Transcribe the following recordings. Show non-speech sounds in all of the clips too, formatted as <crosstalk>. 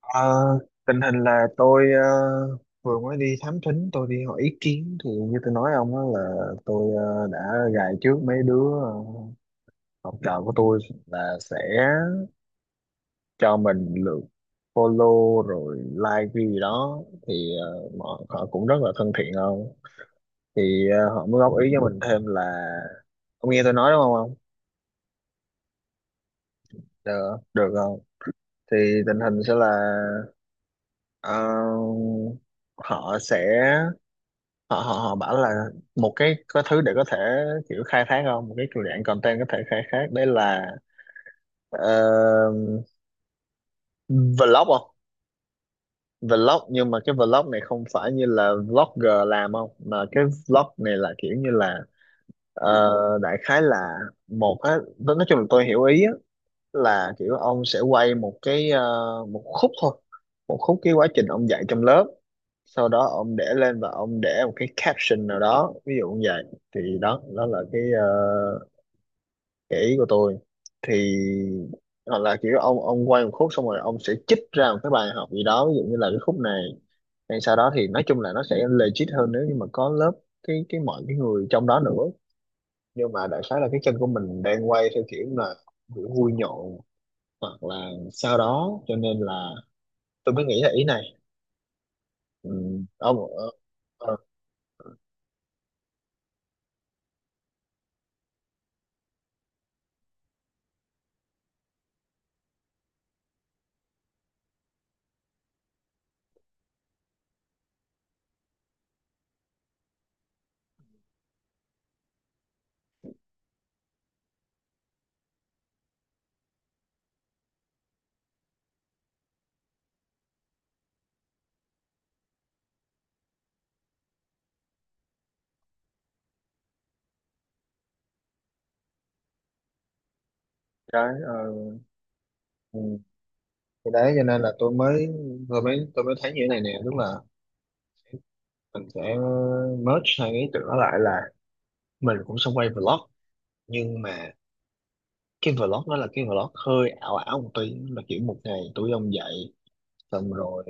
Ờ, Tình hình là tôi vừa mới đi thám thính, tôi đi hỏi ý kiến. Thì như tôi nói ông đó, là tôi đã gài trước mấy đứa học trò của tôi là sẽ cho mình lượt follow rồi like cái gì đó. Thì mọi họ cũng rất là thân thiện không. Thì họ mới góp ý cho mình thêm là ông nghe tôi nói đúng không ông? Được được không? Thì tình hình sẽ là ờ, họ sẽ họ họ họ bảo là một cái có thứ để có thể kiểu khai thác không, một cái kiểu dạng content có thể khai thác đấy là ờ, vlog không. Vlog nhưng mà cái vlog này không phải như là vlogger làm không, mà cái vlog này là kiểu như là ờ, đại khái là một á. Nói chung là tôi hiểu ý á, là kiểu ông sẽ quay một cái một khúc thôi, một khúc cái quá trình ông dạy trong lớp, sau đó ông để lên và ông để một cái caption nào đó, ví dụ như vậy. Thì đó đó là cái ý của tôi. Thì hoặc là kiểu ông quay một khúc xong rồi ông sẽ chích ra một cái bài học gì đó, ví dụ như là cái khúc này. Hay sau đó thì nói chung là nó sẽ legit hơn nếu như mà có lớp, cái mọi cái người trong đó nữa. Nhưng mà đại khái là cái chân của mình đang quay theo kiểu là kiểu vui nhộn, hoặc là sau đó, cho nên là tôi mới nghĩ là ý này. Ừ, ông ờ, ờ, cái ờ, ừ, cái đấy cho nên là tôi mới, vừa mới tôi mới thấy như thế này nè, tức là mình sẽ merge hai cái ý tưởng đó lại, là mình cũng sẽ quay vlog. Nhưng mà cái vlog đó là cái vlog hơi ảo ảo một tí, là kiểu một ngày tôi với ông dậy xong rồi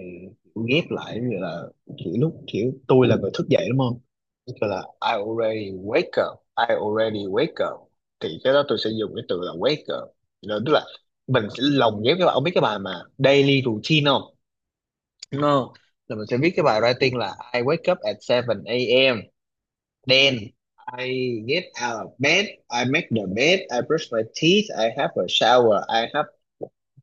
kiểu ghép lại, như là kiểu lúc kiểu tôi là người thức dậy đúng không? Tức là I already wake up. I already wake up thì cái đó tôi sẽ dùng cái từ là wake up, là tức là mình sẽ lồng ghép cái bài. Ông biết cái bài mà daily routine không? No. Là mình sẽ viết cái bài writing là I wake up at 7 a.m. Then I get out of bed, I make the bed, I brush my teeth, I have a shower, I have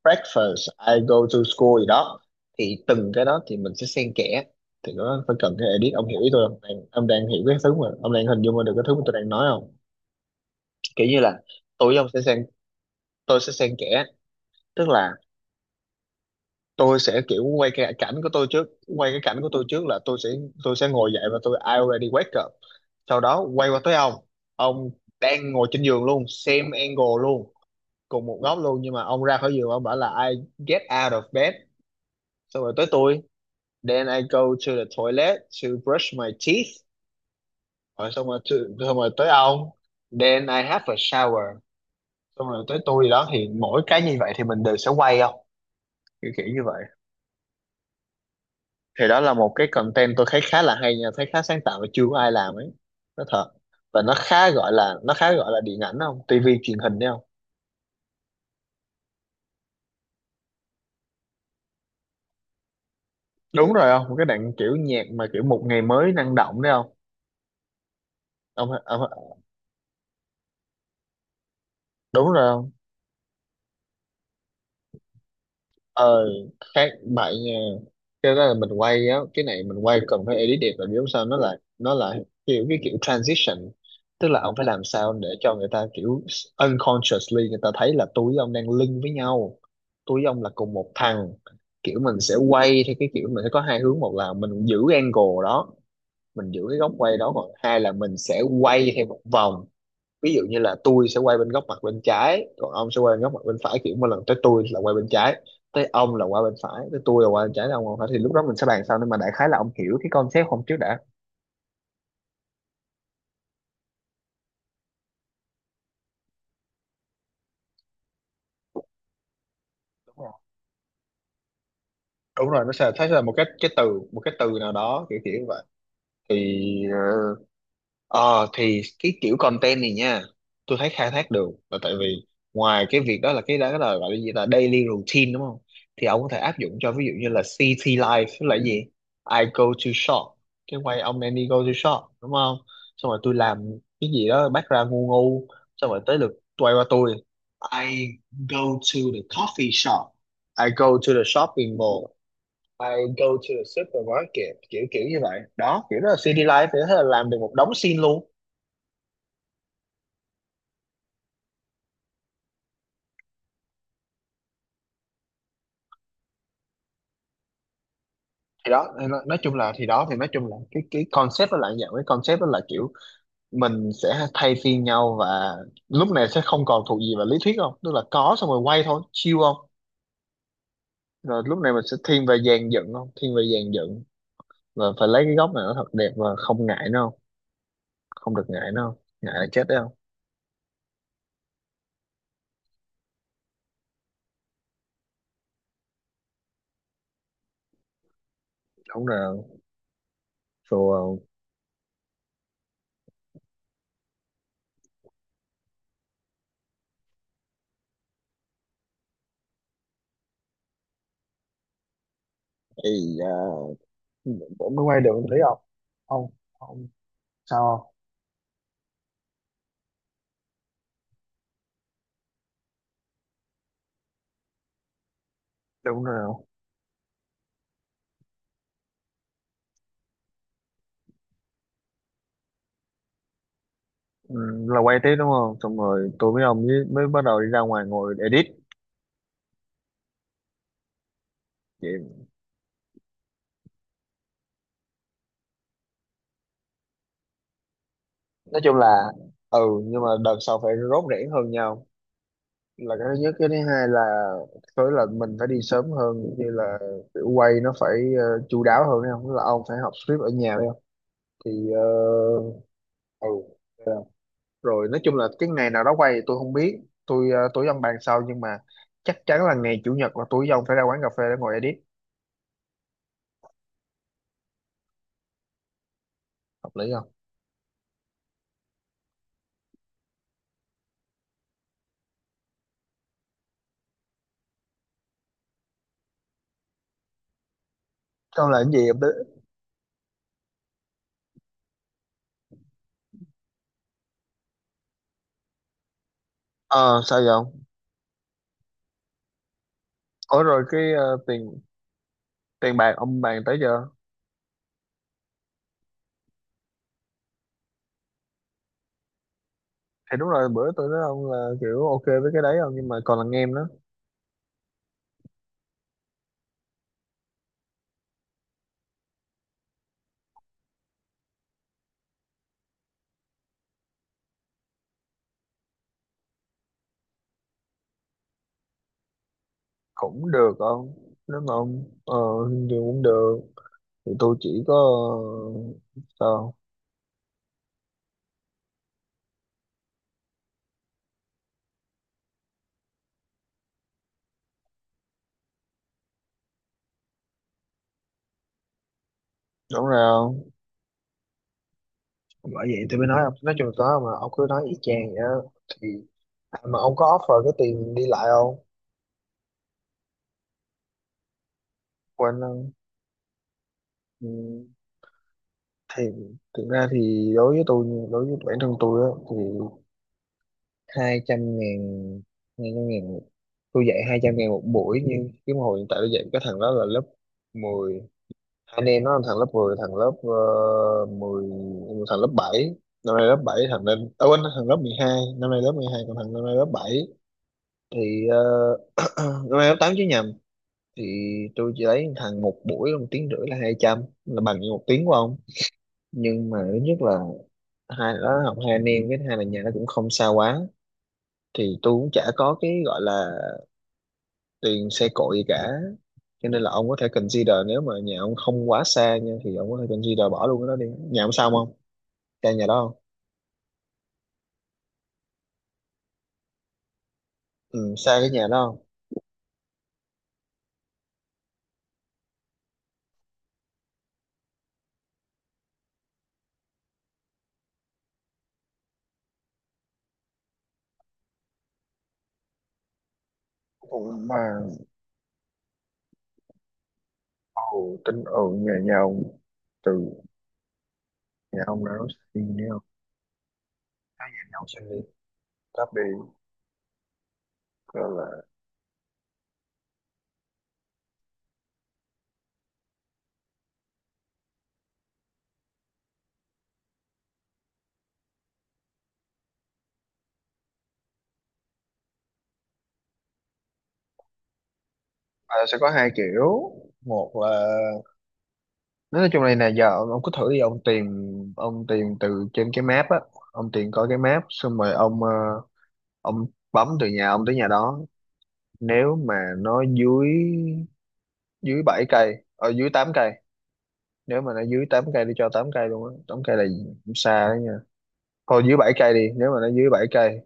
breakfast, I go to school gì đó. Thì từng cái đó thì mình sẽ xen kẽ. Thì nó phải cần cái edit, ông hiểu ý tôi không? Ông đang hiểu cái thứ mà, ông đang hình dung ra được cái thứ mà tôi đang nói không? Kiểu như là tôi với ông sẽ xen, tôi sẽ xen kẽ, tức là tôi sẽ kiểu quay cái cảnh của tôi trước, quay cái cảnh của tôi trước là tôi sẽ ngồi dậy và tôi I already wake up, sau đó quay qua tới ông. Ông đang ngồi trên giường luôn, same angle luôn, cùng một góc luôn, nhưng mà ông ra khỏi giường, ông bảo là I get out of bed. Xong rồi tới tôi, then I go to the toilet to brush my teeth. Rồi xong rồi xong rồi tới ông, then I have a shower. Xong rồi tới tôi đó. Thì mỗi cái như vậy thì mình đều sẽ quay không, kiểu kiểu như vậy. Thì đó là một cái content tôi thấy khá là hay nha, thấy khá sáng tạo và chưa có ai làm ấy. Nó thật và nó khá gọi là điện ảnh không, tivi truyền hình đấy không? Đúng rồi không, một cái đoạn kiểu nhạc mà kiểu một ngày mới năng động đấy không? Ông đúng rồi. ờ Khác bại nha. Cái đó là mình quay á, cái này mình quay cần phải edit đẹp, là biết sao nó là kiểu cái kiểu transition. Tức là ông phải làm sao để cho người ta kiểu unconsciously người ta thấy là tôi với ông đang link với nhau, tôi với ông là cùng một thằng. Kiểu mình sẽ quay theo cái kiểu, mình sẽ có hai hướng: một là mình giữ angle đó, mình giữ cái góc quay đó; còn hai là mình sẽ quay theo một vòng. Ví dụ như là tôi sẽ quay bên góc mặt bên trái, còn ông sẽ quay bên góc mặt bên phải, kiểu một lần tới tôi là quay bên trái, tới ông là quay bên phải, tới tôi là quay bên trái, tới ông là quay bên phải. Thì lúc đó mình sẽ bàn sau, nhưng mà đại khái là ông hiểu cái concept không trước đã? Đúng rồi, đúng rồi, nó sẽ thấy là một cái từ, một cái từ nào đó, kiểu kiểu như vậy. Thì ờ, Ờ thì cái kiểu content này nha, tôi thấy khai thác được là tại vì ngoài cái việc đó, là cái đó là gọi là gì, là daily routine đúng không? Thì ông có thể áp dụng cho ví dụ như là city life, tức là gì, I go to shop. Cái quay ông nên đi go to shop đúng không, xong rồi tôi làm cái gì đó bắt ra ngu ngu, xong rồi tới lượt quay qua tôi, I go to the coffee shop, I go to the shopping mall, I go to the supermarket, kiểu kiểu như vậy đó, kiểu đó là city life. Thì thế là làm được một đống scene luôn. Thì đó thì nói, chung là thì đó thì nói chung là cái concept nó lại dạng, cái concept đó là kiểu mình sẽ thay phiên nhau. Và lúc này sẽ không còn thuộc gì vào lý thuyết không, tức là có xong rồi quay thôi, chill không. Rồi lúc này mình sẽ thiên về dàn dựng không, thiên về dàn dựng, và phải lấy cái góc này nó thật đẹp, và không ngại nó không, không được ngại nó không, ngại là chết đấy không. Đúng rồi. Rồi thì cũng mới quay được thấy không? Ông ông sao không? Đúng rồi. Ừ, là quay tiếp đúng không, xong rồi tôi với ông mới bắt đầu đi ra ngoài ngồi edit. Chị nói chung là, ừ, nhưng mà đợt sau phải rốt rẻ hơn nhau, là cái thứ nhất. Cái thứ hai là tới là mình phải đi sớm hơn, như là kiểu quay nó phải chu đáo hơn không, là ông phải học script ở nhà phải không? Thì ừ. Dạ. Rồi nói chung là cái ngày nào đó quay thì tôi không biết, tôi tôi với ông bàn sau, nhưng mà chắc chắn là ngày chủ nhật là tôi với ông phải ra quán cà phê để ngồi edit. Hợp lý không? Còn là cái gì em biết. Ờ Sao vậy ông? Ủa rồi cái tiền tiền bạc ông bàn tới giờ thì đúng rồi, bữa tôi nói ông là kiểu ok với cái đấy không, nhưng mà còn là nghe em nó. Cũng được không, nếu mà ông thì cũng được. Thì tôi chỉ có, ờ, sao? Đúng rồi không, bởi vậy tôi mới nói ông, nói chung là có, mà ông cứ nói y chang vậy đó. Thì mà ông có offer cái tiền đi lại không? Quên không? Ừ. Thì thực ra thì đối với tôi, đối với bản thân tôi á thì hai trăm ngàn hai trăm ngàn tôi dạy 200.000 một buổi, nhưng cái hồi hiện tại tôi dạy cái thằng đó là lớp 10, anh em nó: thằng lớp mười, thằng lớp 10, thằng lớp 7, năm nay lớp bảy, thằng lên ở quên, thằng lớp 12 năm nay lớp mười hai, còn thằng năm nay lớp bảy. Thì <clears throat> năm nay lớp 8 chứ nhầm. Thì tôi chỉ lấy thằng một buổi một tiếng rưỡi là hai trăm, là bằng như một tiếng của ông, nhưng mà thứ nhất là hai là học hai anh em, cái thứ hai là nhà nó cũng không xa quá, thì tôi cũng chả có cái gọi là tiền xe cộ gì cả, cho nên là ông có thể consider, nếu mà nhà ông không quá xa nha thì ông có thể consider bỏ luôn cái đó đi. Nhà ông sao không? Xa nhà đó không? Ừ, xa cái nhà đó không? Ủa mà, ồ, tính ở nhà nhà ông, từ nhà ông ra đó đi nữa không? Hai nhà nhau xem đi. Cấp đi, gọi là, à, sẽ có hai kiểu. Một là nói chung này nè, giờ ông cứ thử đi, ông tìm, ông tìm từ trên cái map á, ông tìm coi cái map, xong rồi ông, ông bấm từ nhà ông tới nhà đó. Nếu mà nó dưới dưới 7 cây, ở dưới 8 cây. Nếu mà nó dưới 8 cây, đi cho 8 cây luôn á, 8 cây là xa đó. Thôi dưới 7 cây đi,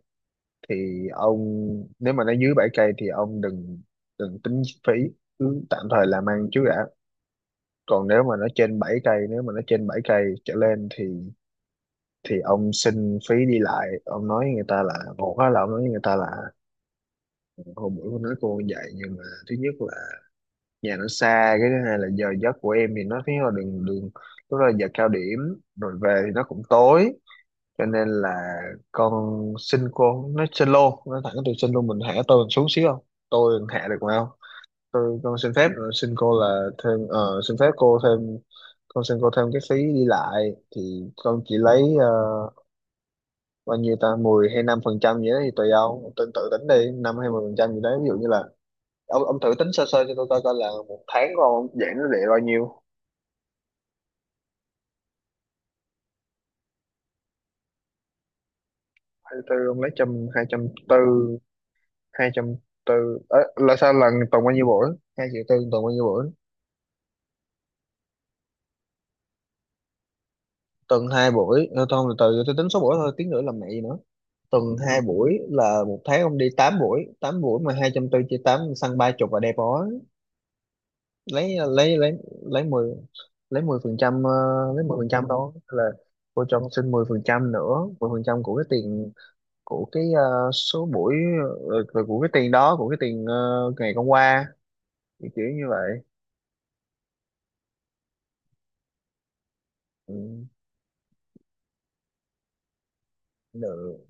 thì ông nếu mà nó dưới 7 cây thì ông đừng đừng tính phí, cứ tạm thời làm ăn trước đã. Còn nếu mà nó trên 7 cây, nếu mà nó trên 7 cây trở lên thì ông xin phí đi lại. Ông nói người ta là một á, là ông nói với người ta là hôm bữa con nói cô dạy, nhưng mà thứ nhất là nhà nó xa, cái thứ hai là giờ giấc của em, thì nó thấy là đường, đường lúc đó là giờ cao điểm, rồi về thì nó cũng tối, cho nên là con xin cô, nói xin luôn, nói thẳng từ xin luôn, mình hạ tôi mình xuống xíu không, tôi hạ được mà không. Tôi con xin phép xin cô là thêm, xin phép cô thêm, con xin cô thêm cái phí đi lại, thì con chỉ lấy bao nhiêu ta, 10 hay 5% gì đó thì tùy ông tên tự tính đi, năm hay 10 phần trăm gì đấy. Ví dụ như là ông thử tính sơ sơ cho tôi coi coi là một tháng của ông giảm nó để bao nhiêu. Hai tư ông lấy trăm, hai trăm tư, là sao, lần tuần bao nhiêu buổi? 2.400.000 tuần bao nhiêu buổi? Tuần hai buổi. Ờ, Thôi từ từ tôi tính số buổi thôi, tiếng nữa làm mẹ gì nữa. Tuần hai buổi là một tháng ông đi 8 buổi, 8 buổi mà hai trăm tư chia tám săn ba chục và đẹp đó. Lấy lấy lấy lấy mười, lấy 10%, lấy mười phần trăm đó là cô cho con xin mười phần trăm nữa, mười phần trăm của cái tiền, của cái số buổi, của cái tiền đó, của cái tiền ngày hôm qua, kiểu như vậy. Ừ, được.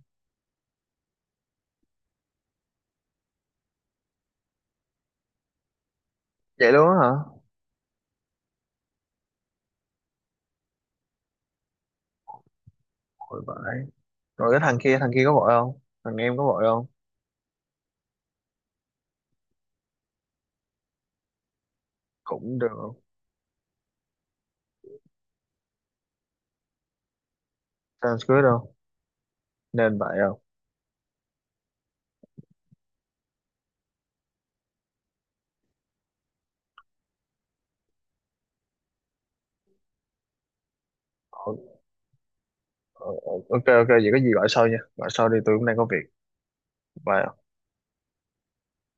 Vậy luôn á hả? Ôi vãi. Rồi cái thằng kia có vội không? Thằng em có vội không? Cũng được không? Sanskrit không? Nên vậy không? Ờ, ờ, ờ, ok ok vậy có gì gọi sau nha. Gọi sau đi, tôi cũng đang có việc. Bye.